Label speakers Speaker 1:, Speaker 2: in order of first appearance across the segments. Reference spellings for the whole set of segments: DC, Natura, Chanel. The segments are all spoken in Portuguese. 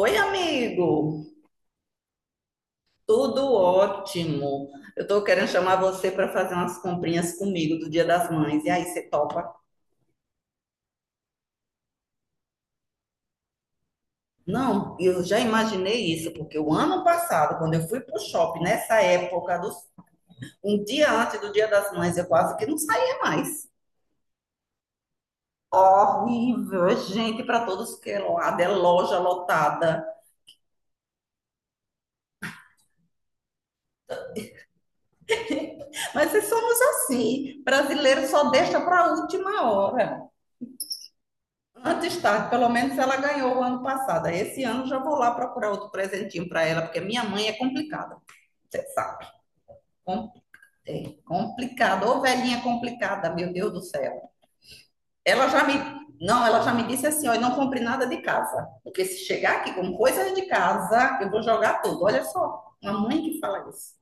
Speaker 1: Oi, amigo. Tudo ótimo. Eu tô querendo chamar você para fazer umas comprinhas comigo do Dia das Mães. E aí, você topa? Não, eu já imaginei isso, porque o ano passado, quando eu fui pro shopping, nessa época, um dia antes do Dia das Mães, eu quase que não saía mais. Horrível, é gente para todos que é lado, é loja lotada. Mas é somos assim, brasileiro só deixa para a última hora. Antes tarde, pelo menos ela ganhou o ano passado. Esse ano já vou lá procurar outro presentinho para ela, porque minha mãe é complicada, você sabe. É complicada, ô velhinha complicada, meu Deus do céu. Ela já me, não, ela já me disse assim, ó, eu não compre nada de casa, porque se chegar aqui com coisas de casa, eu vou jogar tudo. Olha só, uma mãe que fala isso.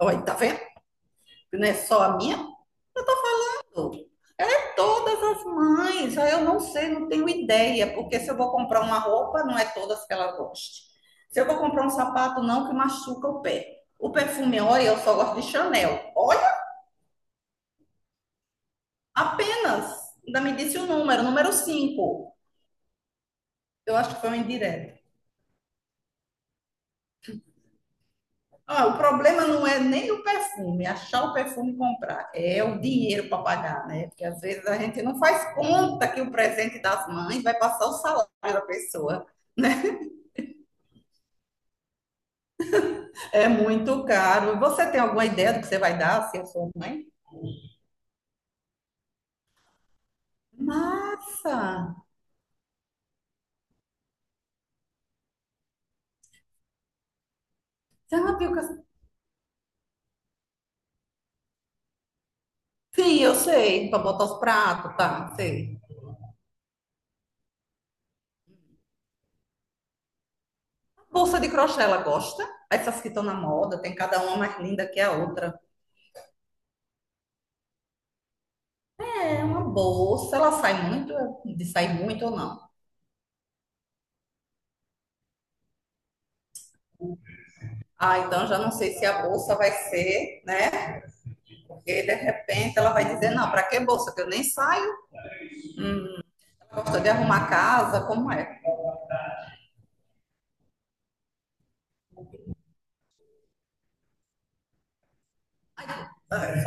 Speaker 1: Olha, tá vendo? Não é só a minha. É todas as mães. Aí eu não sei, não tenho ideia, porque se eu vou comprar uma roupa, não é todas que ela goste. Se eu vou comprar um sapato, não, que machuca o pé. O perfume, olha, eu só gosto de Chanel. Olha, apenas. Ainda me disse o número, número cinco. Eu acho que foi um indireto. Ah, o problema não é nem o perfume, achar o perfume e comprar, é o dinheiro para pagar, né? Porque às vezes a gente não faz conta que o presente das mães vai passar o salário da pessoa. É muito caro. Você tem alguma ideia do que você vai dar se eu for mãe? Massa! Você já viu que... Sim, eu sei, para botar os pratos, tá, sei. Bolsa de crochê, ela gosta? Essas que estão na moda, tem cada uma mais linda que a outra. É uma bolsa, ela sai muito, de sair muito ou não? Ah, então já não sei se a bolsa vai ser, né? Porque de repente ela vai dizer, não, para que bolsa? Que eu nem saio. Ela gosta de arrumar a casa, como é?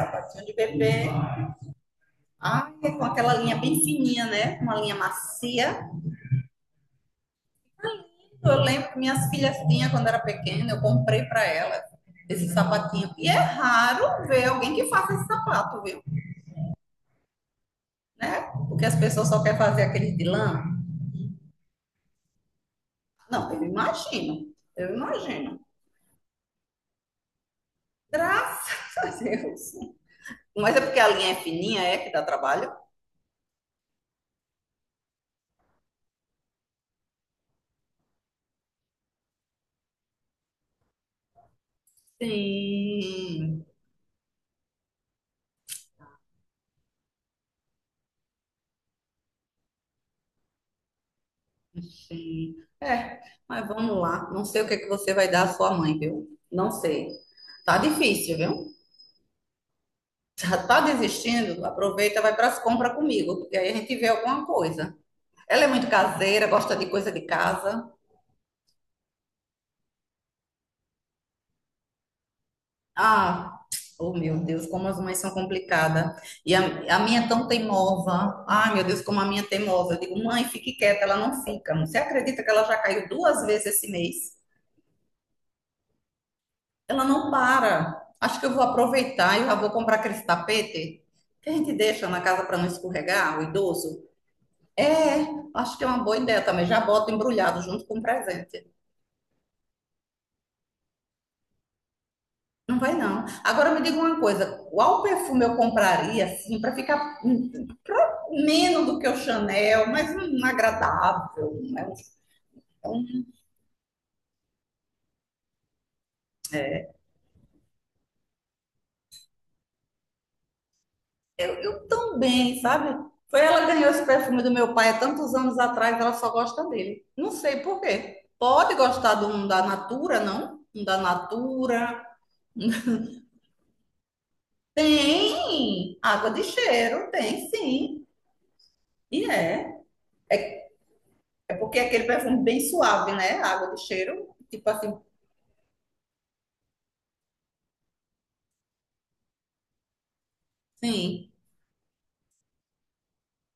Speaker 1: Patinho de bebê. Ah, é com aquela linha bem fininha, né? Uma linha macia. É lindo. Eu lembro que minhas filhas tinham quando era pequena, eu comprei para elas esse sapatinho. E é raro ver alguém que faça esse sapato, viu? Né? Porque as pessoas só querem fazer aquele de lã. Não, eu imagino. Eu imagino. Graças a Deus. Mas é porque a linha é fininha, é que dá trabalho? Sim. Sim. É, mas vamos lá. Não sei o que é que você vai dar à sua mãe, viu? Não sei. Tá difícil, viu? Já tá desistindo? Aproveita, vai para as compras comigo, porque aí a gente vê alguma coisa. Ela é muito caseira, gosta de coisa de casa. Ah, oh meu Deus, como as mães são complicadas. E a, a minha é tão teimosa. Ai, meu Deus, como a minha é teimosa. Eu digo, mãe, fique quieta, ela não fica. Você acredita que ela já caiu duas vezes esse mês? Ela não para. Acho que eu vou aproveitar e já vou comprar aquele tapete que a gente deixa na casa para não escorregar, o idoso. É, acho que é uma boa ideia também. Já boto embrulhado junto com o presente. Não vai não. Agora me diga uma coisa, qual perfume eu compraria assim para ficar pro- menos do que o Chanel, mas um agradável, né? É um. Eu também, sabe? Foi ela que ganhou esse perfume do meu pai há tantos anos atrás, ela só gosta dele. Não sei por quê. Pode gostar de um da Natura, não? Um da Natura. Tem água de cheiro, tem sim. E é. É, é porque é aquele perfume bem suave, né? Água de cheiro, tipo assim, sim.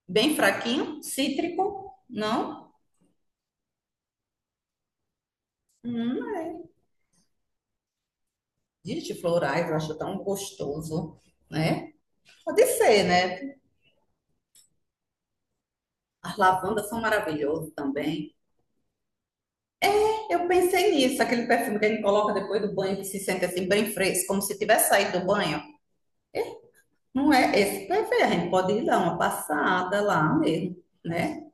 Speaker 1: Bem fraquinho, cítrico, não? Hum, de florais, eu acho tão gostoso, né? Pode ser, né? As lavandas são maravilhosas também. Eu pensei nisso, aquele perfume que a gente coloca depois do banho, que se sente assim bem fresco, como se tivesse saído do banho. Não é esse perfume, a gente pode ir dar uma passada lá mesmo, né?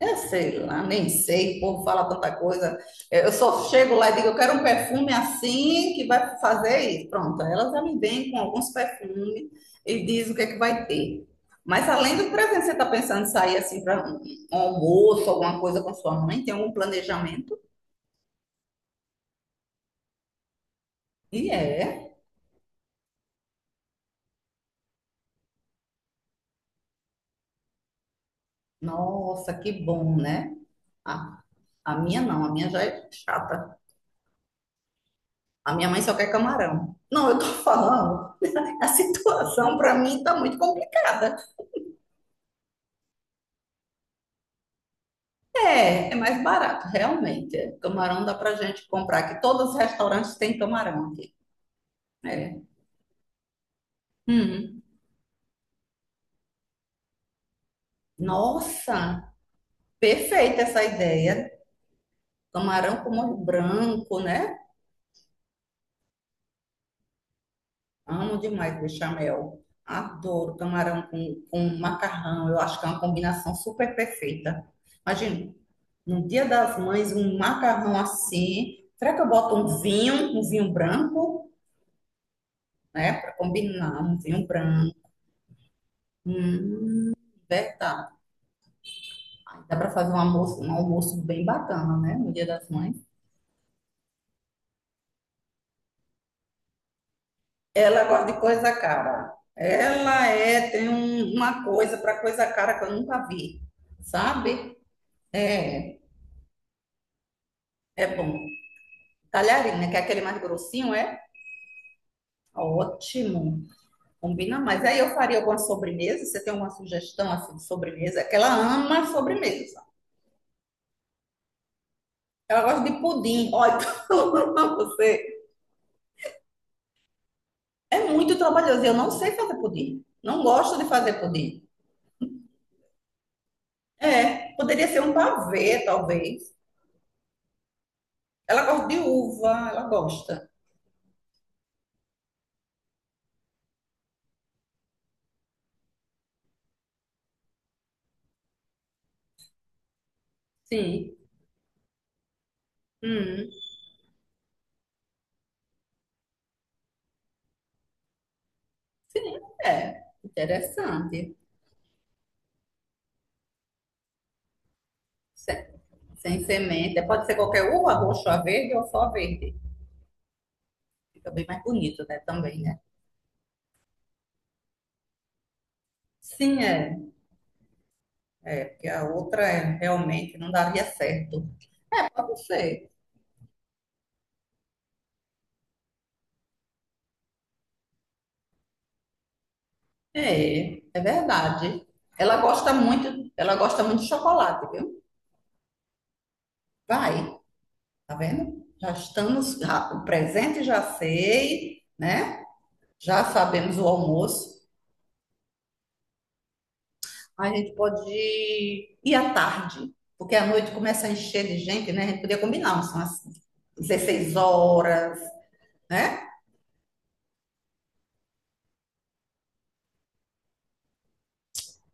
Speaker 1: Eu sei lá, nem sei, o povo fala tanta coisa. Eu só chego lá e digo, eu quero um perfume assim que vai fazer isso. Pronto, elas já me vêm com alguns perfumes e diz o que é que vai ter. Mas além do presente, você está pensando em sair assim para um almoço, alguma coisa com sua mãe? Tem algum planejamento? E é. Nossa, que bom, né? A, a minha não, a minha já é chata. A minha mãe só quer camarão. Não, eu tô falando, a situação para mim tá muito complicada. É, é mais barato, realmente. Camarão dá pra gente comprar, que todos os restaurantes têm camarão aqui. É. Hum. Nossa, perfeita essa ideia. Camarão com molho branco, né? Amo demais bechamel. Adoro camarão com macarrão. Eu acho que é uma combinação super perfeita. Imagina, no Dia das Mães, um macarrão assim. Será que eu boto um vinho branco, né? Para combinar, um vinho branco. Hum, verdade. Dá para fazer um almoço bem bacana, né? No Dia das Mães. Ela gosta de coisa cara. Ela é, tem uma coisa para coisa cara que eu nunca vi, sabe? É, é bom. Talharina, que é aquele mais grossinho, é? Ótimo. Combina mais. Aí eu faria alguma sobremesa. Você tem alguma sugestão assim de sobremesa? É que ela ama sobremesa. Ela gosta de pudim. Olha, você. É muito trabalhoso. Eu não sei fazer pudim. Não gosto de fazer pudim. É, poderia ser um pavê, talvez. Ela gosta de uva, ela gosta. Sim. Hum, sim, é. Interessante. Sem, sem semente. Pode ser qualquer uva, roxa, verde ou só verde. Fica bem mais bonito, né? Também, né? Sim, é. É, porque a outra é, realmente não daria certo. É pra você. É, é verdade. Ela gosta muito de chocolate, viu? Vai, tá vendo? Já estamos, o presente já sei, né? Já sabemos o almoço. A gente pode ir à tarde, porque à noite começa a encher de gente, né? A gente podia combinar, são as 16 horas, né?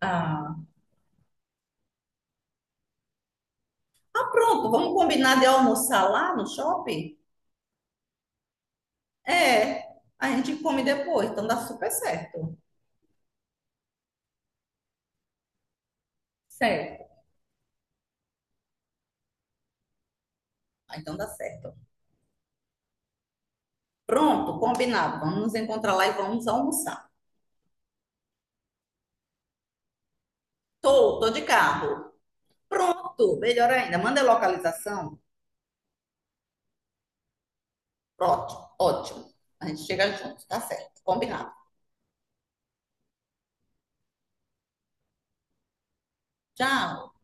Speaker 1: Ah, pronto, vamos combinar de almoçar lá no shopping? É, a gente come depois, então dá super certo. Certo. Ah, então dá certo. Pronto, combinado. Vamos nos encontrar lá e vamos almoçar. Tô de carro. Pronto, melhor ainda. Manda a localização. Pronto, ótimo. A gente chega junto, tá certo. Combinado. Tchau.